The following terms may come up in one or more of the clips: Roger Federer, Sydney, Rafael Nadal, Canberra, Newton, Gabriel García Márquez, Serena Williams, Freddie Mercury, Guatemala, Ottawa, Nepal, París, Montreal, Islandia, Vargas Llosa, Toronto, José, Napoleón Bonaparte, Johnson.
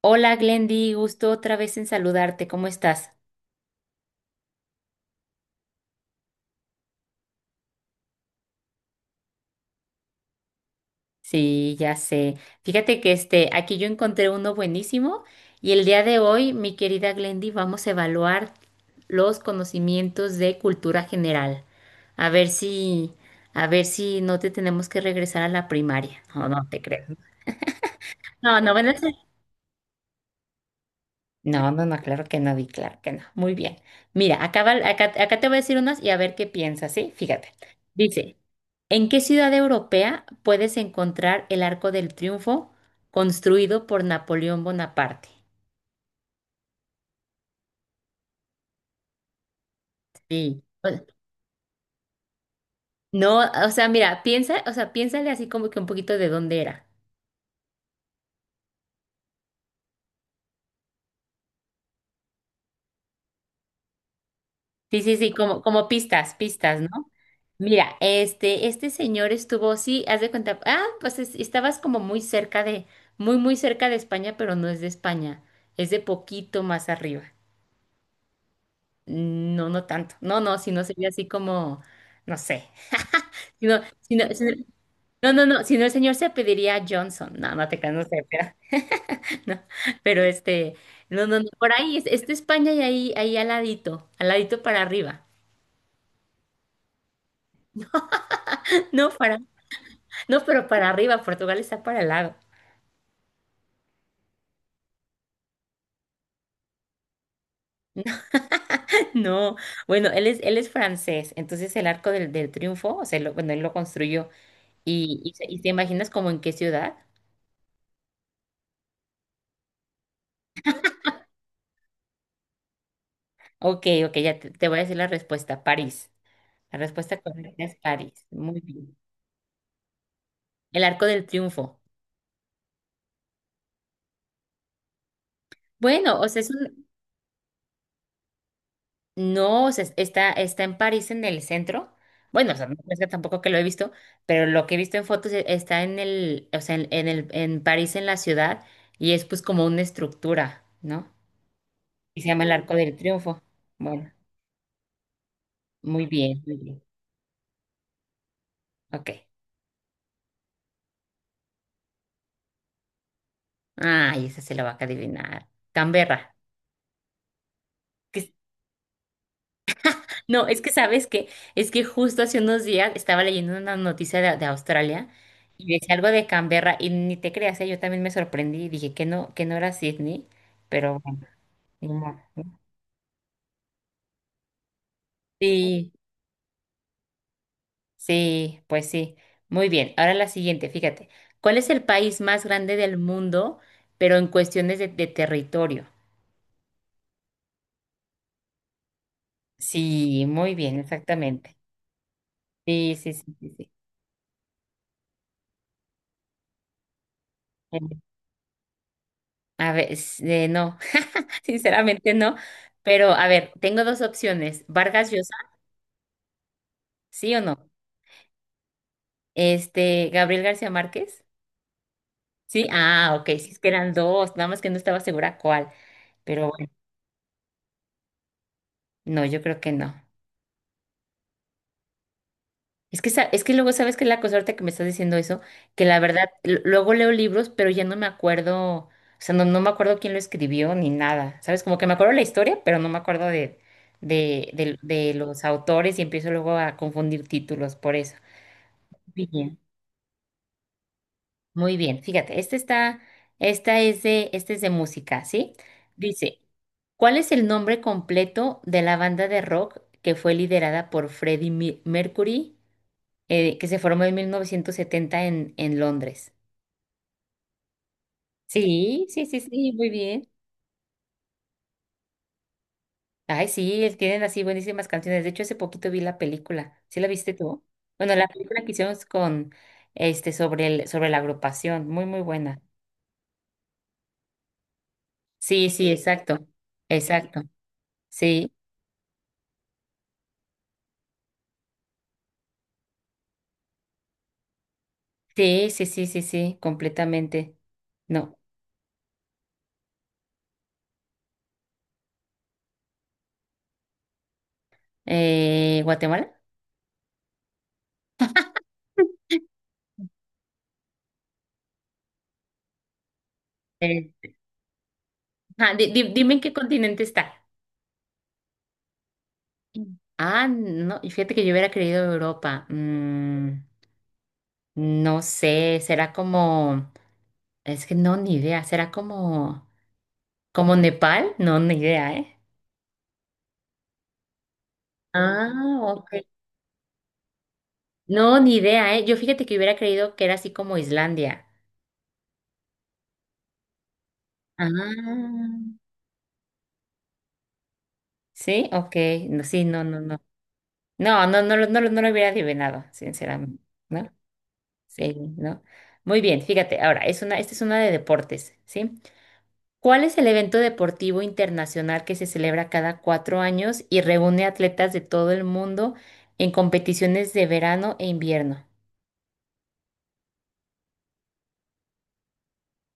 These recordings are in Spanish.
Hola Glendy, gusto otra vez en saludarte. ¿Cómo estás? Sí, ya sé. Fíjate que aquí yo encontré uno buenísimo y el día de hoy, mi querida Glendy, vamos a evaluar los conocimientos de cultura general. A ver si, a ver si no te tenemos que regresar a la primaria. No, no te creo. No, no van a ser. No, no, no, claro que no, Di, claro que no. Muy bien. Mira, acá te voy a decir unas y a ver qué piensas, ¿sí? Fíjate. Dice, ¿en qué ciudad europea puedes encontrar el Arco del Triunfo construido por Napoleón Bonaparte? Sí. No, o sea, mira, piensa, o sea, piénsale así como que un poquito de dónde era. Sí, sí, sí, como pistas, pistas, ¿no? Mira, este señor estuvo, sí, haz de cuenta, ah, pues estabas como muy cerca de, muy, muy cerca de España, pero no es de España, es de poquito más arriba. No, no tanto, no, no, si no sería así como, no sé, si no, si no, si no- no, no, no, si no el señor se pediría Johnson, no, no te creas, no sé, pero, no, pero no, no, no, por ahí, es de España y ahí al ladito para arriba, no, para no, pero para arriba, Portugal está para el lado. No, bueno, él es francés, entonces el arco del triunfo, o sea, bueno, él lo construyó. Y te imaginas como en qué ciudad? Ok, ok, ya te voy a decir la respuesta, París. La respuesta correcta es París. Muy bien. El arco del triunfo. Bueno, o sea, es No, o sea, está en París, en el centro. Bueno, o sea, no es que tampoco que lo he visto, pero lo que he visto en fotos está en el, o sea, en el, en París, en la ciudad, y es pues como una estructura, ¿no? Y se llama el Arco del Triunfo. Bueno, muy bien, muy bien. Ok. Ay, esa se la va a adivinar. Canberra. No, es que sabes que es que justo hace unos días estaba leyendo una noticia de Australia y decía algo de Canberra y ni te creas, ¿eh? Yo también me sorprendí y dije que no era Sydney, pero bueno, ni modo, ¿no? Sí, sí, pues sí. Muy bien, ahora la siguiente, fíjate. ¿Cuál es el país más grande del mundo, pero en cuestiones de territorio? Sí, muy bien, exactamente. Sí, sí, sí, sí, sí. A ver, no, sinceramente no. Pero a ver, tengo dos opciones. Vargas Llosa, ¿sí o no? Gabriel García Márquez, ¿sí? Ah, ok, sí, es que eran dos, nada más que no estaba segura cuál. Pero bueno, no, yo creo que no. Es que, es que luego, ¿sabes qué es la cosa ahorita que me estás diciendo eso? Que la verdad, luego leo libros, pero ya no me acuerdo, o sea, no, no me acuerdo quién lo escribió ni nada, ¿sabes? Como que me acuerdo la historia, pero no me acuerdo de los autores y empiezo luego a confundir títulos por eso. Muy bien, muy bien. Fíjate, este está, esta es de, este es de música, ¿sí? Dice, ¿cuál es el nombre completo de la banda de rock que fue liderada por Freddie Mercury, que se formó en 1970 en Londres? Sí, sí, sí, sí, muy bien. Ay, sí, tienen así buenísimas canciones. De hecho, hace poquito vi la película. ¿Sí la viste tú? Bueno, la película que hicimos con este sobre la agrupación, muy, muy buena. Sí, sí, exacto. Exacto. Sí, sí, sí, sí, sí, sí, completamente. No. ¿Guatemala? Eh, ajá, dime en qué continente está. Mm. Ah, no, y fíjate que yo hubiera creído Europa. No sé, será como, es que no, ni idea, será como, Nepal, no, ni idea, ¿eh? Ah, ok. No, ni idea, ¿eh? Yo fíjate que hubiera creído que era así como Islandia. Ah, sí, ok, no, sí, no, no, no. No, no, no, no, no lo hubiera adivinado, sinceramente, ¿no? Sí, ¿no? Muy bien, fíjate, ahora, esta es una de deportes, ¿sí? ¿Cuál es el evento deportivo internacional que se celebra cada 4 años y reúne atletas de todo el mundo en competiciones de verano e invierno?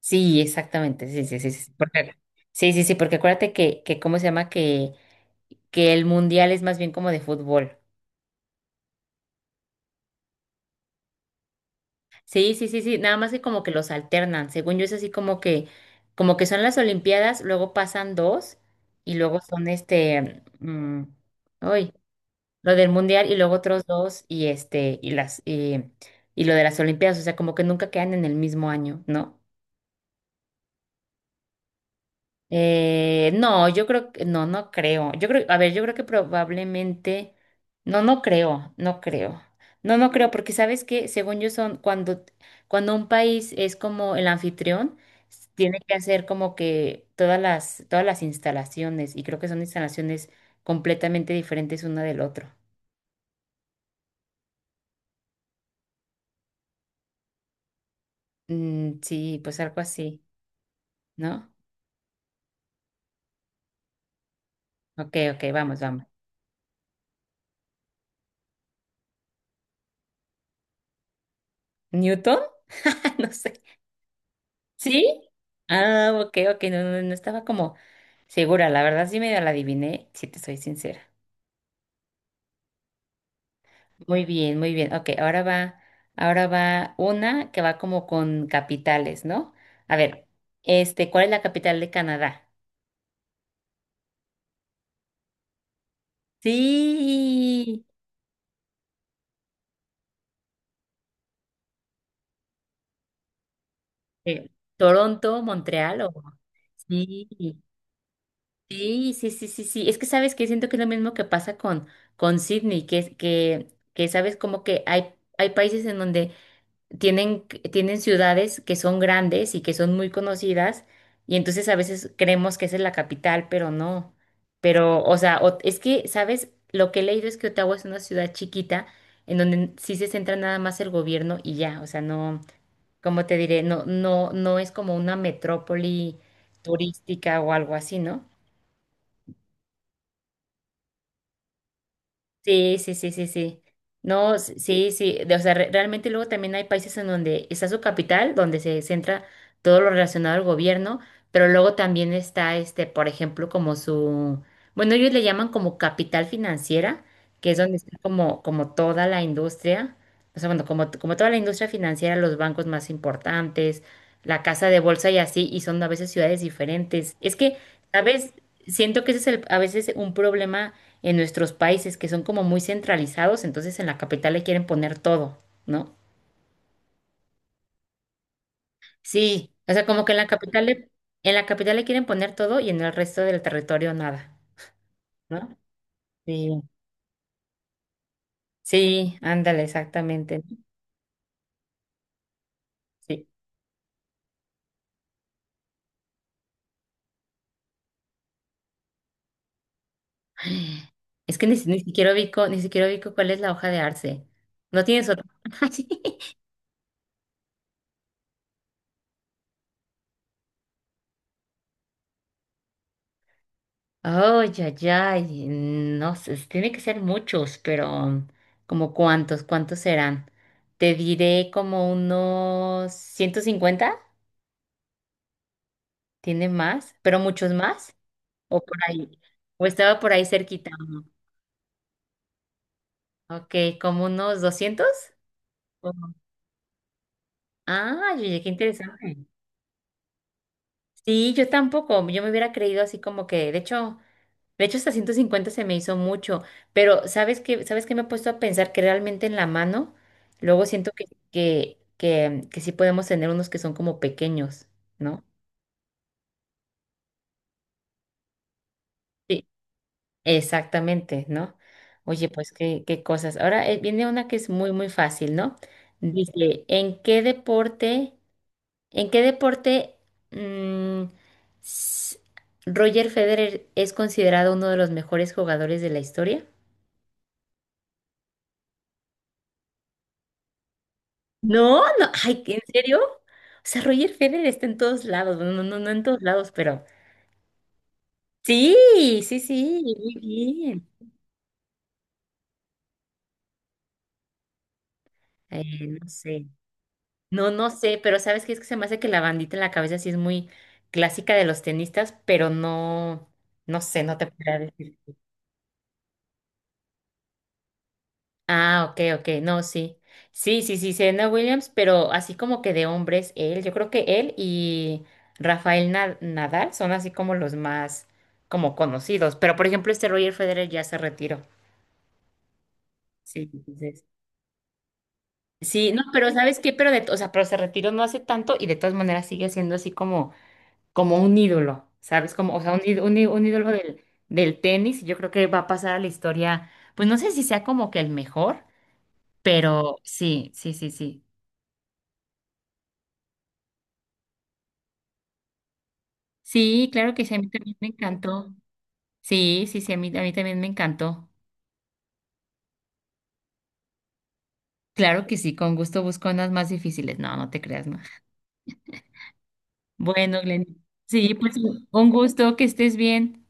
Sí, exactamente, sí, sí, sí, sí, porque, sí, sí, sí, porque acuérdate ¿cómo se llama? Que el mundial es más bien como de fútbol. Sí, sí, sí, sí, nada más que como que los alternan, según yo es así como que son las Olimpiadas, luego pasan dos y luego son hoy lo del mundial y luego otros dos y lo de las olimpiadas, o sea, como que nunca quedan en el mismo año, ¿no? No, yo creo que no, no creo. Yo creo, a ver, yo creo que probablemente no, no creo, no creo. No, no creo, porque sabes que según yo son cuando un país es como el anfitrión, tiene que hacer como que todas las instalaciones y creo que son instalaciones completamente diferentes una del otro. Sí, pues algo así, ¿no? Ok, ok, vamos, vamos. ¿Newton? No sé. ¿Sí? Ah, ok, ok, no, no, no estaba como segura, la verdad sí medio la adiviné, si te soy sincera. Muy bien, muy bien. Ok, ahora va una que va como con capitales, ¿no? A ver, ¿cuál es la capital de Canadá? Sí. Eh, ¿Toronto, Montreal o...? Sí. Sí, sí, sí, sí, sí. Es que sabes que siento que es lo mismo que pasa con Sydney, que sabes como que hay países en donde tienen ciudades que son grandes y que son muy conocidas, y entonces a veces creemos que esa es la capital, pero no. Pero, o sea, es que, ¿sabes? Lo que he leído es que Ottawa es una ciudad chiquita en donde sí se centra nada más el gobierno y ya. O sea, no, como te diré? No, no, no es como una metrópoli turística o algo así, ¿no? Sí, sí, sí, sí, sí. No, sí, sí. O sea, realmente luego también hay países en donde está su capital, donde se centra todo lo relacionado al gobierno, pero luego también está, por ejemplo, como su, bueno, ellos le llaman como capital financiera, que es donde está como toda la industria, o sea, bueno, como toda la industria financiera, los bancos más importantes, la casa de bolsa y así, y son a veces ciudades diferentes. Es que, ¿sabes? Siento que ese es a veces un problema en nuestros países que son como muy centralizados, entonces en la capital le quieren poner todo, ¿no? Sí, o sea, como que en la capital le quieren poner todo y en el resto del territorio nada, ¿no? Sí, sí, ándale, exactamente. ¿No? Sí. Es que ni siquiera ubico cuál es la hoja de arce. ¿No tienes otra? Oh, ya, ya, y no sé, tiene que ser muchos, pero como cuántos serán. Te diré como unos 150, tiene más, pero muchos más, o por ahí, o estaba por ahí cerquita. Uno. Ok, como unos 200. Ujú. Ah, oye, qué interesante. Sí, yo tampoco, yo me hubiera creído así como que, de hecho. De hecho, hasta 150 se me hizo mucho, pero ¿sabes qué? ¿Sabes qué me he puesto a pensar que realmente en la mano, luego siento que sí podemos tener unos que son como pequeños, ¿no? Sí. Exactamente, ¿no? Oye, pues qué, qué cosas. Ahora viene una que es muy, muy fácil, ¿no? Dice, ¿en qué deporte mm, s- Roger Federer es considerado uno de los mejores jugadores de la historia? No, no, ay, ¿en serio? O sea, Roger Federer está en todos lados, bueno, no, no, no en todos lados, pero sí, sí, sí, muy bien. Eh, no sé, no, no sé, pero ¿sabes qué? Es que se me hace que la bandita en la cabeza sí es muy clásica de los tenistas, pero no, no sé, no te puedo. Ah, ok, ok, no, sí. Sí, sí, sí, Serena Williams, pero así como que de hombres, él, yo creo que él y Rafael Nadal son así como los más como conocidos, pero por ejemplo este Roger Federer ya se retiró. Sí, entonces. Sí, no, pero ¿sabes qué? Pero o sea, pero se retiró no hace tanto y de todas maneras sigue siendo así como un ídolo, ¿sabes? Como, o sea, un, íd- un, í- un ídolo del tenis, y yo creo que va a pasar a la historia, pues no sé si sea como que el mejor, pero sí, sí, sí, sí. Sí, claro que sí, a mí también me encantó. Sí, sí, sí, a mí también me encantó. Claro que sí, con gusto busco unas más difíciles. No, no te creas, no. Bueno, Glenn, sí, pues un gusto que estés bien.